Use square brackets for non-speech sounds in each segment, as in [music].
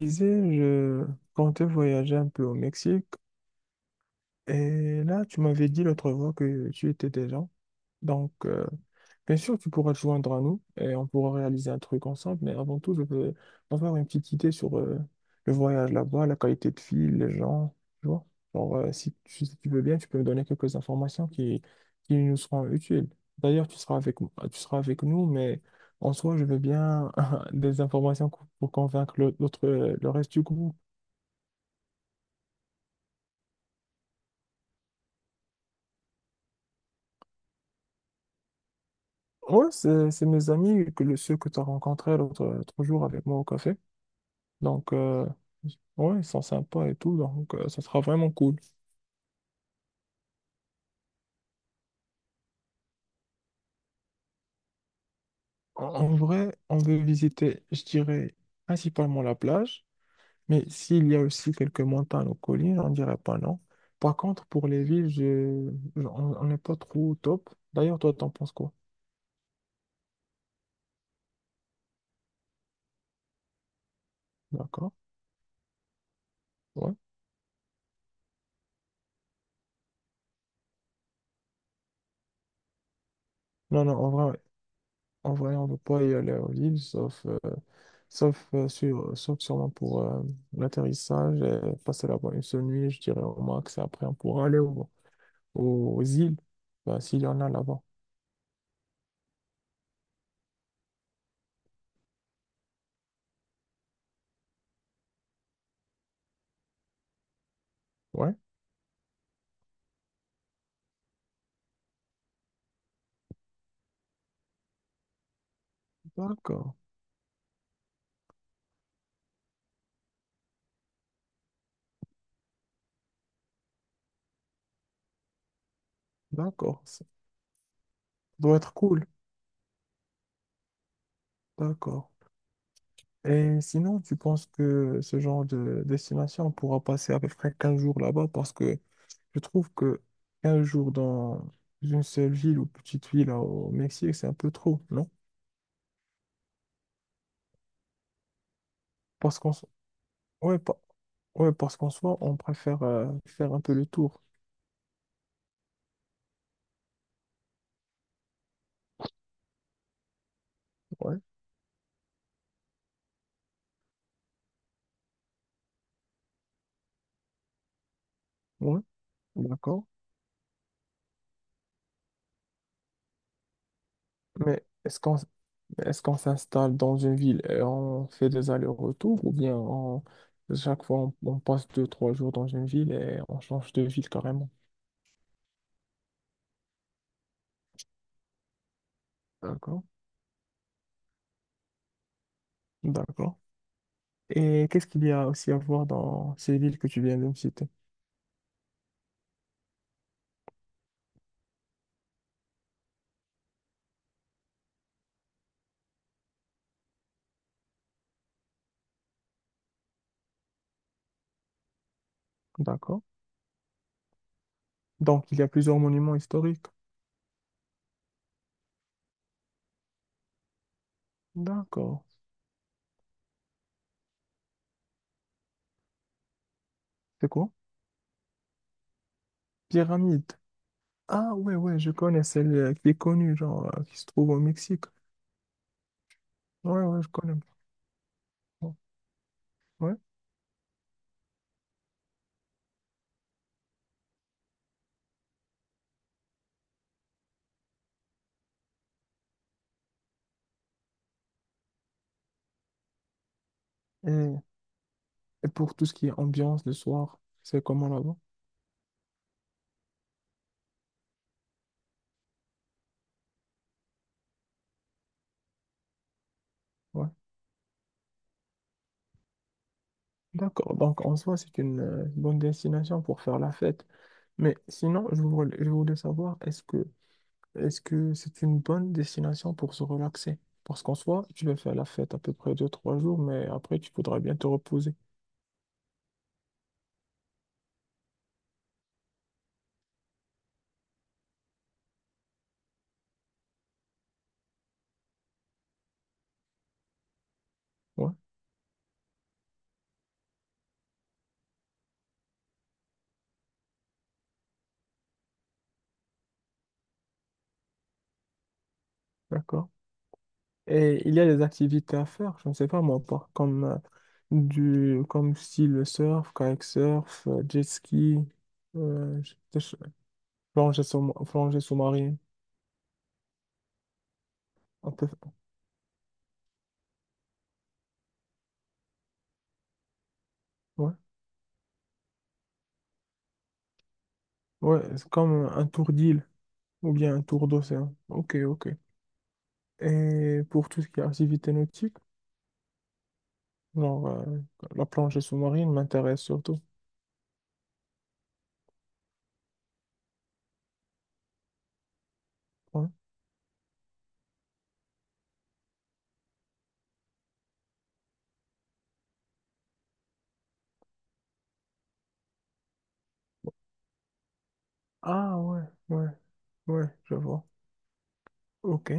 Disais, je comptais voyager un peu au Mexique. Et là, tu m'avais dit l'autre fois que tu étais déjà. Donc, bien sûr, tu pourras te joindre à nous et on pourra réaliser un truc ensemble. Mais avant tout, je veux avoir une petite idée sur le voyage là-bas, la qualité de vie, les gens. Tu vois? Genre, si tu veux bien, tu peux me donner quelques informations qui nous seront utiles. D'ailleurs, tu seras avec nous, mais en soi, je veux bien [laughs] des informations pour convaincre l'autre, le reste du groupe. Ouais, c'est mes amis, ceux que tu as rencontrés l'autre jour avec moi au café. Donc, ouais, ils sont sympas et tout, donc ça sera vraiment cool. En vrai, on veut visiter, je dirais, principalement la plage, mais s'il y a aussi quelques montagnes ou collines, on dirait pas non. Par contre, pour les villes, on n'est pas trop au top. D'ailleurs, toi, t'en penses quoi? D'accord? Ouais. Non, non, en vrai, En vrai, on ne peut pas y aller aux îles, sauf sûrement pour l'atterrissage et passer là-bas une seule nuit, je dirais au max. Et après, on pourra aux îles, bah, s'il y en a là-bas. Ouais, d'accord, d'accord. Ça doit être cool, d'accord. Et sinon, tu penses que ce genre de destination, on pourra passer à peu près 15 jours là-bas parce que je trouve que 15 jours dans une seule ville ou petite ville au Mexique, c'est un peu trop, non? Parce qu'on Ouais, pa- Ouais, parce qu'en soi, on préfère faire un peu le tour. Ouais, ouais, d'accord. Mais est-ce qu'on s'installe dans une ville et on fait des allers-retours ou bien chaque fois on passe deux, trois jours dans une ville et on change de ville carrément? D'accord, d'accord. Et qu'est-ce qu'il y a aussi à voir dans ces villes que tu viens de me citer? D'accord. Donc, il y a plusieurs monuments historiques. D'accord. C'est quoi? Pyramide. Ah ouais, ouais, je connais celle qui est connue, genre, qui se trouve au Mexique. Ouais, ouais, je connais. Ouais. Et, et pour tout ce qui est ambiance le soir, c'est comment là-bas? Ouais. D'accord. Donc, en soi, c'est une bonne destination pour faire la fête. Mais sinon, je voulais savoir, est-ce que c'est une bonne destination pour se relaxer? Parce qu'en soi, tu vas faire la fête à peu près deux, trois jours, mais après, tu voudrais bien te reposer. Ouais, d'accord. Et il y a des activités à faire, je ne sais pas moi, comme, comme style surf, kayak surf, jet ski, euh, je- je- plongée sous-marine. On peut- Ouais, ouais, c'est comme un tour d'île ou bien un tour d'océan. Ok, ok. Et pour tout ce qui est activité nautique, genre euh, la plongée sous-marine m'intéresse surtout. Ouais. Ah ouais, ouais, ouais, je vois. Ok,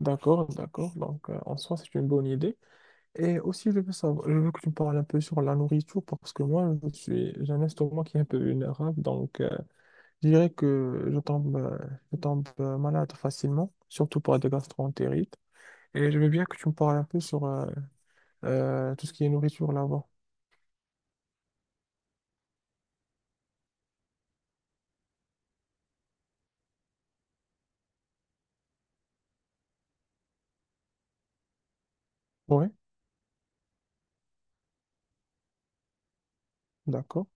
d'accord, d'accord. Donc en soi, c'est une bonne idée. Et aussi, je veux savoir, je veux que tu me parles un peu sur la nourriture parce que moi, j'ai un estomac qui est un peu vulnérable. Donc, je dirais que je tombe malade facilement, surtout pour des gastroentérites. Et je veux bien que tu me parles un peu sur tout ce qui est nourriture là-bas. Oui, d'accord.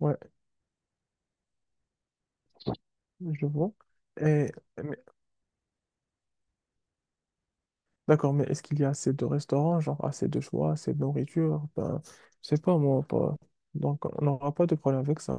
Ouais, je vois. Et, d'accord, mais est-ce qu'il y a assez de restaurants, genre assez de choix, assez de nourriture? Ben, je sais pas moi, pas. Donc on n'aura pas de problème avec ça.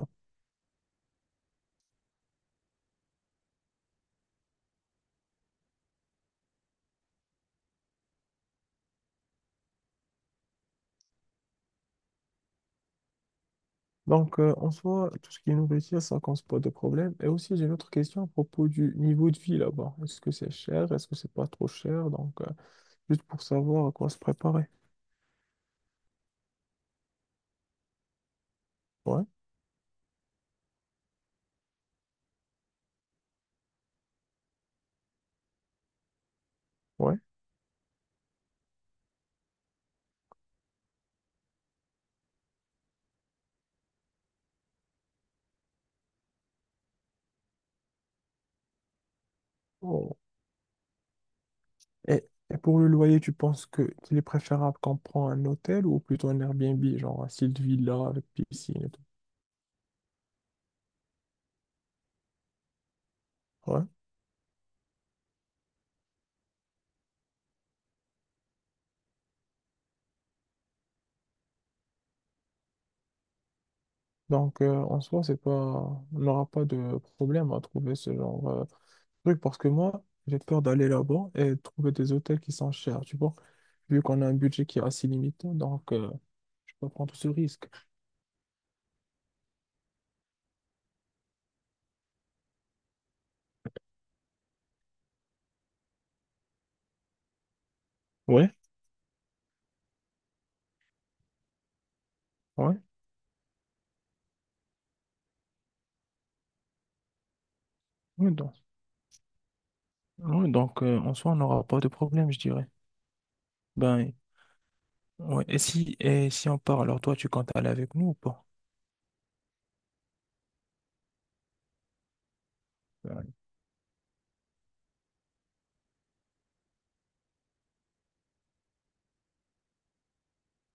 Donc en soi, tout ce qui est nourriture, ça cause pas de problème. Et aussi, j'ai une autre question à propos du niveau de vie là-bas. Est-ce que c'est cher? Est-ce que c'est pas trop cher? Donc juste pour savoir à quoi se préparer. Ouais, ouais. Oh. Et, et pour le loyer, tu penses que qu'il est préférable qu'on prend un hôtel ou plutôt un Airbnb, genre un style de villa avec piscine et tout? Ouais. Donc, en soi, c'est pas, on n'aura pas de problème à trouver ce genre de truc parce que moi, j'ai peur d'aller là-bas et de trouver des hôtels qui sont chers, tu vois, vu qu'on a un budget qui est assez limité, donc je peux pas prendre ce risque. Ouais, ouais, ouais, donc, ouais, donc en soi, on n'aura pas de problème, je dirais. Ben, ouais, et si on part, alors toi, tu comptes aller avec nous ou pas? Ben,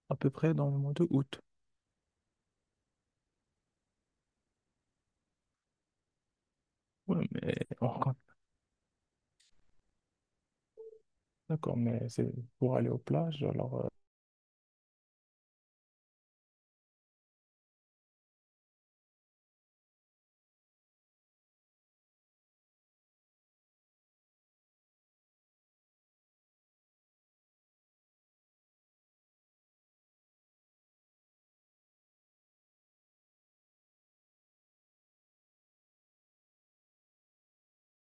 à peu près dans le mois de août. Ouais, mais on compte. D'accord, mais c'est pour aller aux plages, alors.